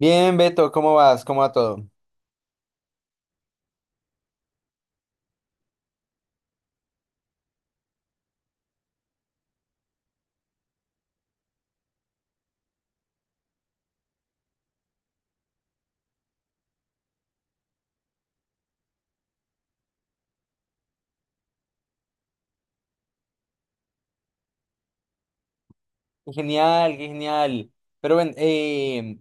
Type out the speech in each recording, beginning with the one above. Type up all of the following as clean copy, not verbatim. Bien, Beto, ¿cómo vas? ¿Cómo va todo? Qué genial, qué genial. Pero ven,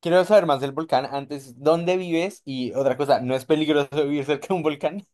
quiero saber más del volcán. Antes, ¿dónde vives? Y otra cosa, ¿no es peligroso vivir cerca de un volcán?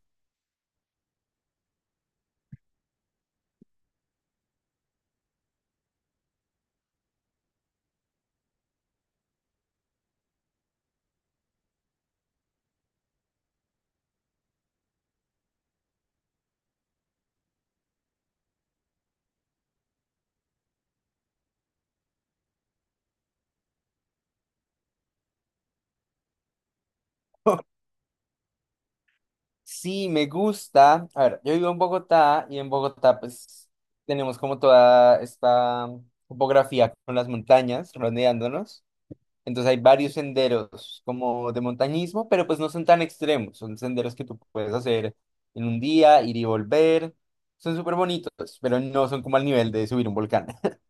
Sí, me gusta. A ver, yo vivo en Bogotá y en Bogotá pues tenemos como toda esta topografía con las montañas rodeándonos. Entonces hay varios senderos como de montañismo, pero pues no son tan extremos, son senderos que tú puedes hacer en un día, ir y volver. Son súper bonitos, pero no son como al nivel de subir un volcán.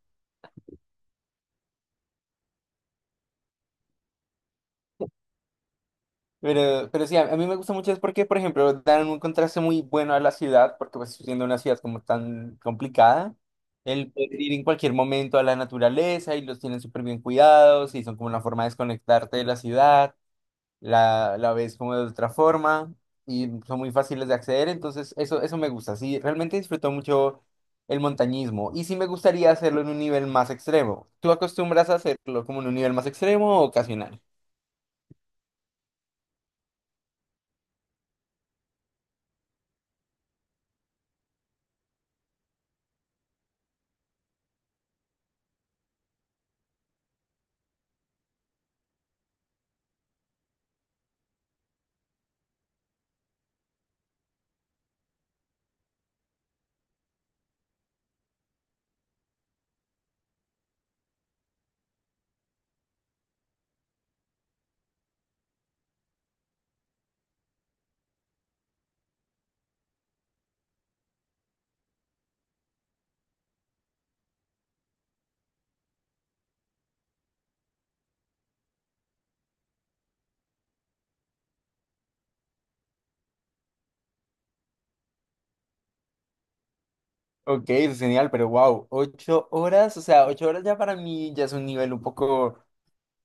Pero sí, a mí me gusta mucho es porque, por ejemplo, dan un contraste muy bueno a la ciudad, porque pues siendo una ciudad como tan complicada, el poder ir en cualquier momento a la naturaleza y los tienen súper bien cuidados y son como una forma de desconectarte de la ciudad. La ves como de otra forma y son muy fáciles de acceder, entonces eso me gusta, sí, realmente disfruto mucho el montañismo y sí me gustaría hacerlo en un nivel más extremo. ¿Tú acostumbras a hacerlo como en un nivel más extremo o ocasional? Ok, eso es genial, pero wow, ocho horas, o sea, ocho horas ya para mí ya es un nivel un poco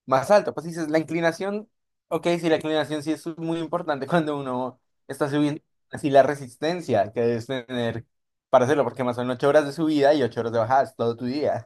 más alto. Pues dices, la inclinación, ok, sí, la inclinación sí es muy importante cuando uno está subiendo, así la resistencia que debes tener para hacerlo, porque más son ocho horas de subida y ocho horas de bajada, es todo tu día.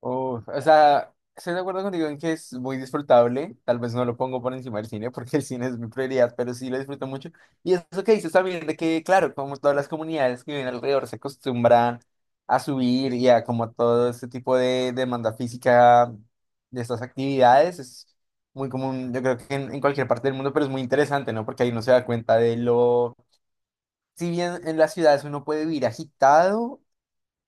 Uf, o sea, estoy de acuerdo contigo en que es muy disfrutable. Tal vez no lo pongo por encima del cine porque el cine es mi prioridad, pero sí lo disfruto mucho. Y eso que dices también de que, claro, como todas las comunidades que viven alrededor se acostumbran a subir y a como todo este tipo de demanda física de estas actividades, es muy común, yo creo que en cualquier parte del mundo, pero es muy interesante, ¿no? Porque ahí uno se da cuenta de lo... Si bien en las ciudades uno puede vivir agitado,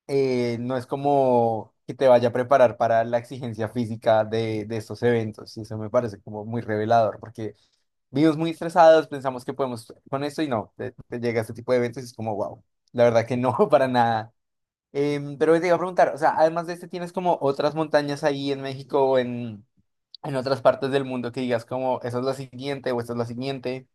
no es como que te vaya a preparar para la exigencia física de estos eventos. Y eso me parece como muy revelador, porque vivimos muy estresados, pensamos que podemos con esto y no, te llega este tipo de eventos y es como, wow, la verdad que no, para nada. Pero te iba a preguntar, o sea, además de este, ¿tienes como otras montañas ahí en México o en otras partes del mundo que digas como, esa es la siguiente o esta es la siguiente?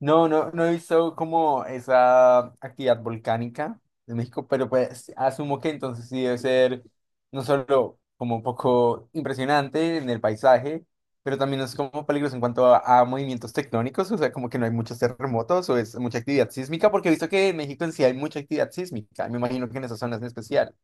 No, no, no he visto como esa actividad volcánica de México, pero pues asumo que entonces sí debe ser no solo como un poco impresionante en el paisaje, pero también es como peligroso en cuanto a movimientos tectónicos, o sea, como que no hay muchos terremotos o es mucha actividad sísmica, porque he visto que en México en sí hay mucha actividad sísmica, me imagino que en esas zonas en especial.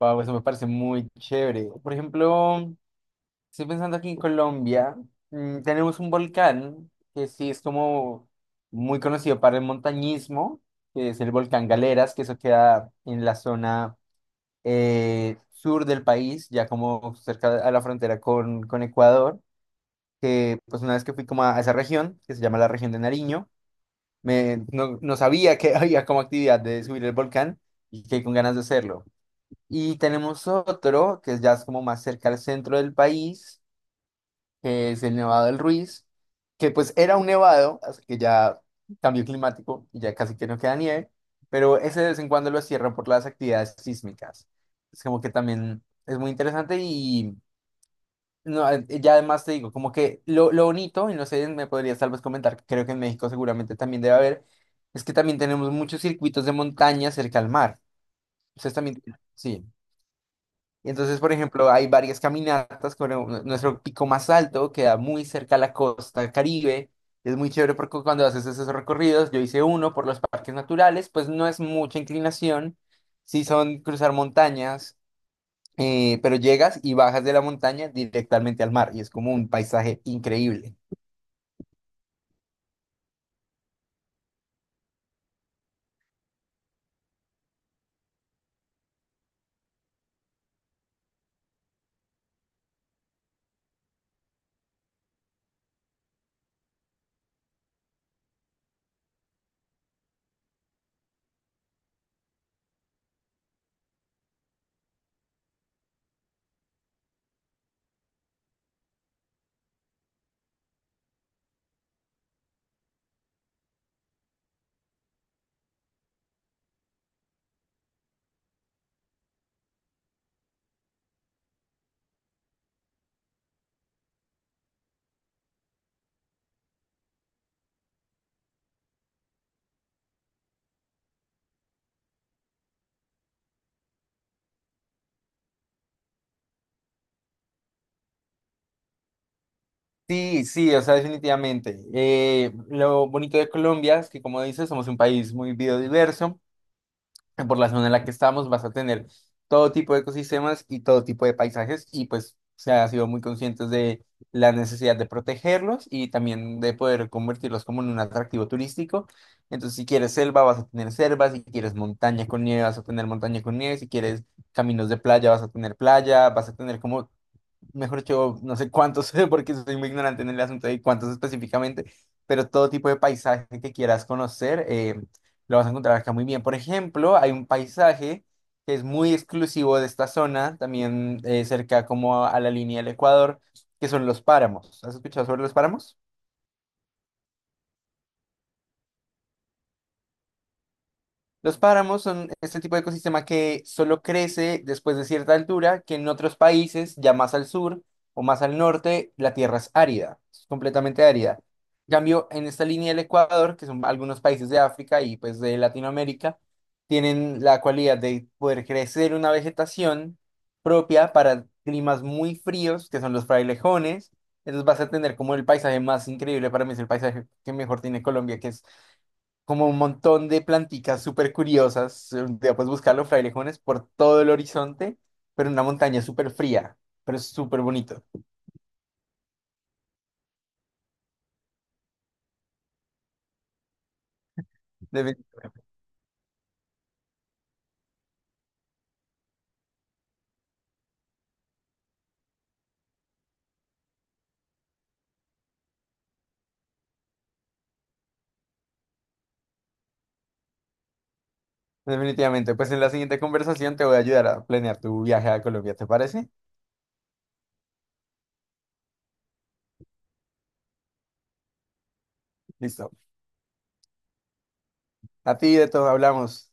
Wow, eso me parece muy chévere. Por ejemplo... Estoy pensando aquí en Colombia, mm, tenemos un volcán que sí es como muy conocido para el montañismo, que es el volcán Galeras, que eso queda en la zona sur del país, ya como cerca a la frontera con Ecuador, que pues una vez que fui como a esa región, que se llama la región de Nariño, me, no, no sabía que había como actividad de subir el volcán y que con ganas de hacerlo. Y tenemos otro que ya es como más cerca al centro del país que es el Nevado del Ruiz, que pues era un nevado, así que ya cambio climático y ya casi que no queda nieve, pero ese de vez en cuando lo cierran por las actividades sísmicas. Es como que también es muy interesante y no, ya además te digo, como que lo bonito, y no sé, me podrías tal vez comentar, creo que en México seguramente también debe haber, es que también tenemos muchos circuitos de montaña cerca al mar. Ustedes también, sí. Y entonces, por ejemplo, hay varias caminatas con nuestro pico más alto, queda muy cerca a la costa Caribe. Es muy chévere porque cuando haces esos recorridos, yo hice uno por los parques naturales, pues no es mucha inclinación, sí son cruzar montañas, pero llegas y bajas de la montaña directamente al mar y es como un paisaje increíble. Sí, sí, o sea, definitivamente. Lo bonito de Colombia es que, como dices, somos un país muy biodiverso. Por la zona en la que estamos, vas a tener todo tipo de ecosistemas y todo tipo de paisajes y pues se ha sido muy conscientes de la necesidad de protegerlos y también de poder convertirlos como en un atractivo turístico. Entonces, si quieres selva, vas a tener selva, si quieres montaña con nieve, vas a tener montaña con nieve, si quieres caminos de playa, vas a tener playa, vas a tener como mejor yo no sé cuántos, porque soy muy ignorante en el asunto de cuántos específicamente, pero todo tipo de paisaje que quieras conocer, lo vas a encontrar acá muy bien. Por ejemplo, hay un paisaje que es muy exclusivo de esta zona, también cerca como a la línea del Ecuador, que son los páramos. ¿Has escuchado sobre los páramos? Los páramos son este tipo de ecosistema que solo crece después de cierta altura, que en otros países, ya más al sur o más al norte, la tierra es árida, es completamente árida. En cambio, en esta línea del Ecuador, que son algunos países de África y pues de Latinoamérica, tienen la cualidad de poder crecer una vegetación propia para climas muy fríos, que son los frailejones. Entonces vas a tener como el paisaje más increíble, para mí es el paisaje que mejor tiene Colombia, que es como un montón de planticas súper curiosas. Ya puedes buscar los frailejones por todo el horizonte, pero en una montaña súper fría, pero es súper bonito. Defi- Definitivamente. Pues en la siguiente conversación te voy a ayudar a planear tu viaje a Colombia, ¿te parece? Listo. A ti de todo hablamos.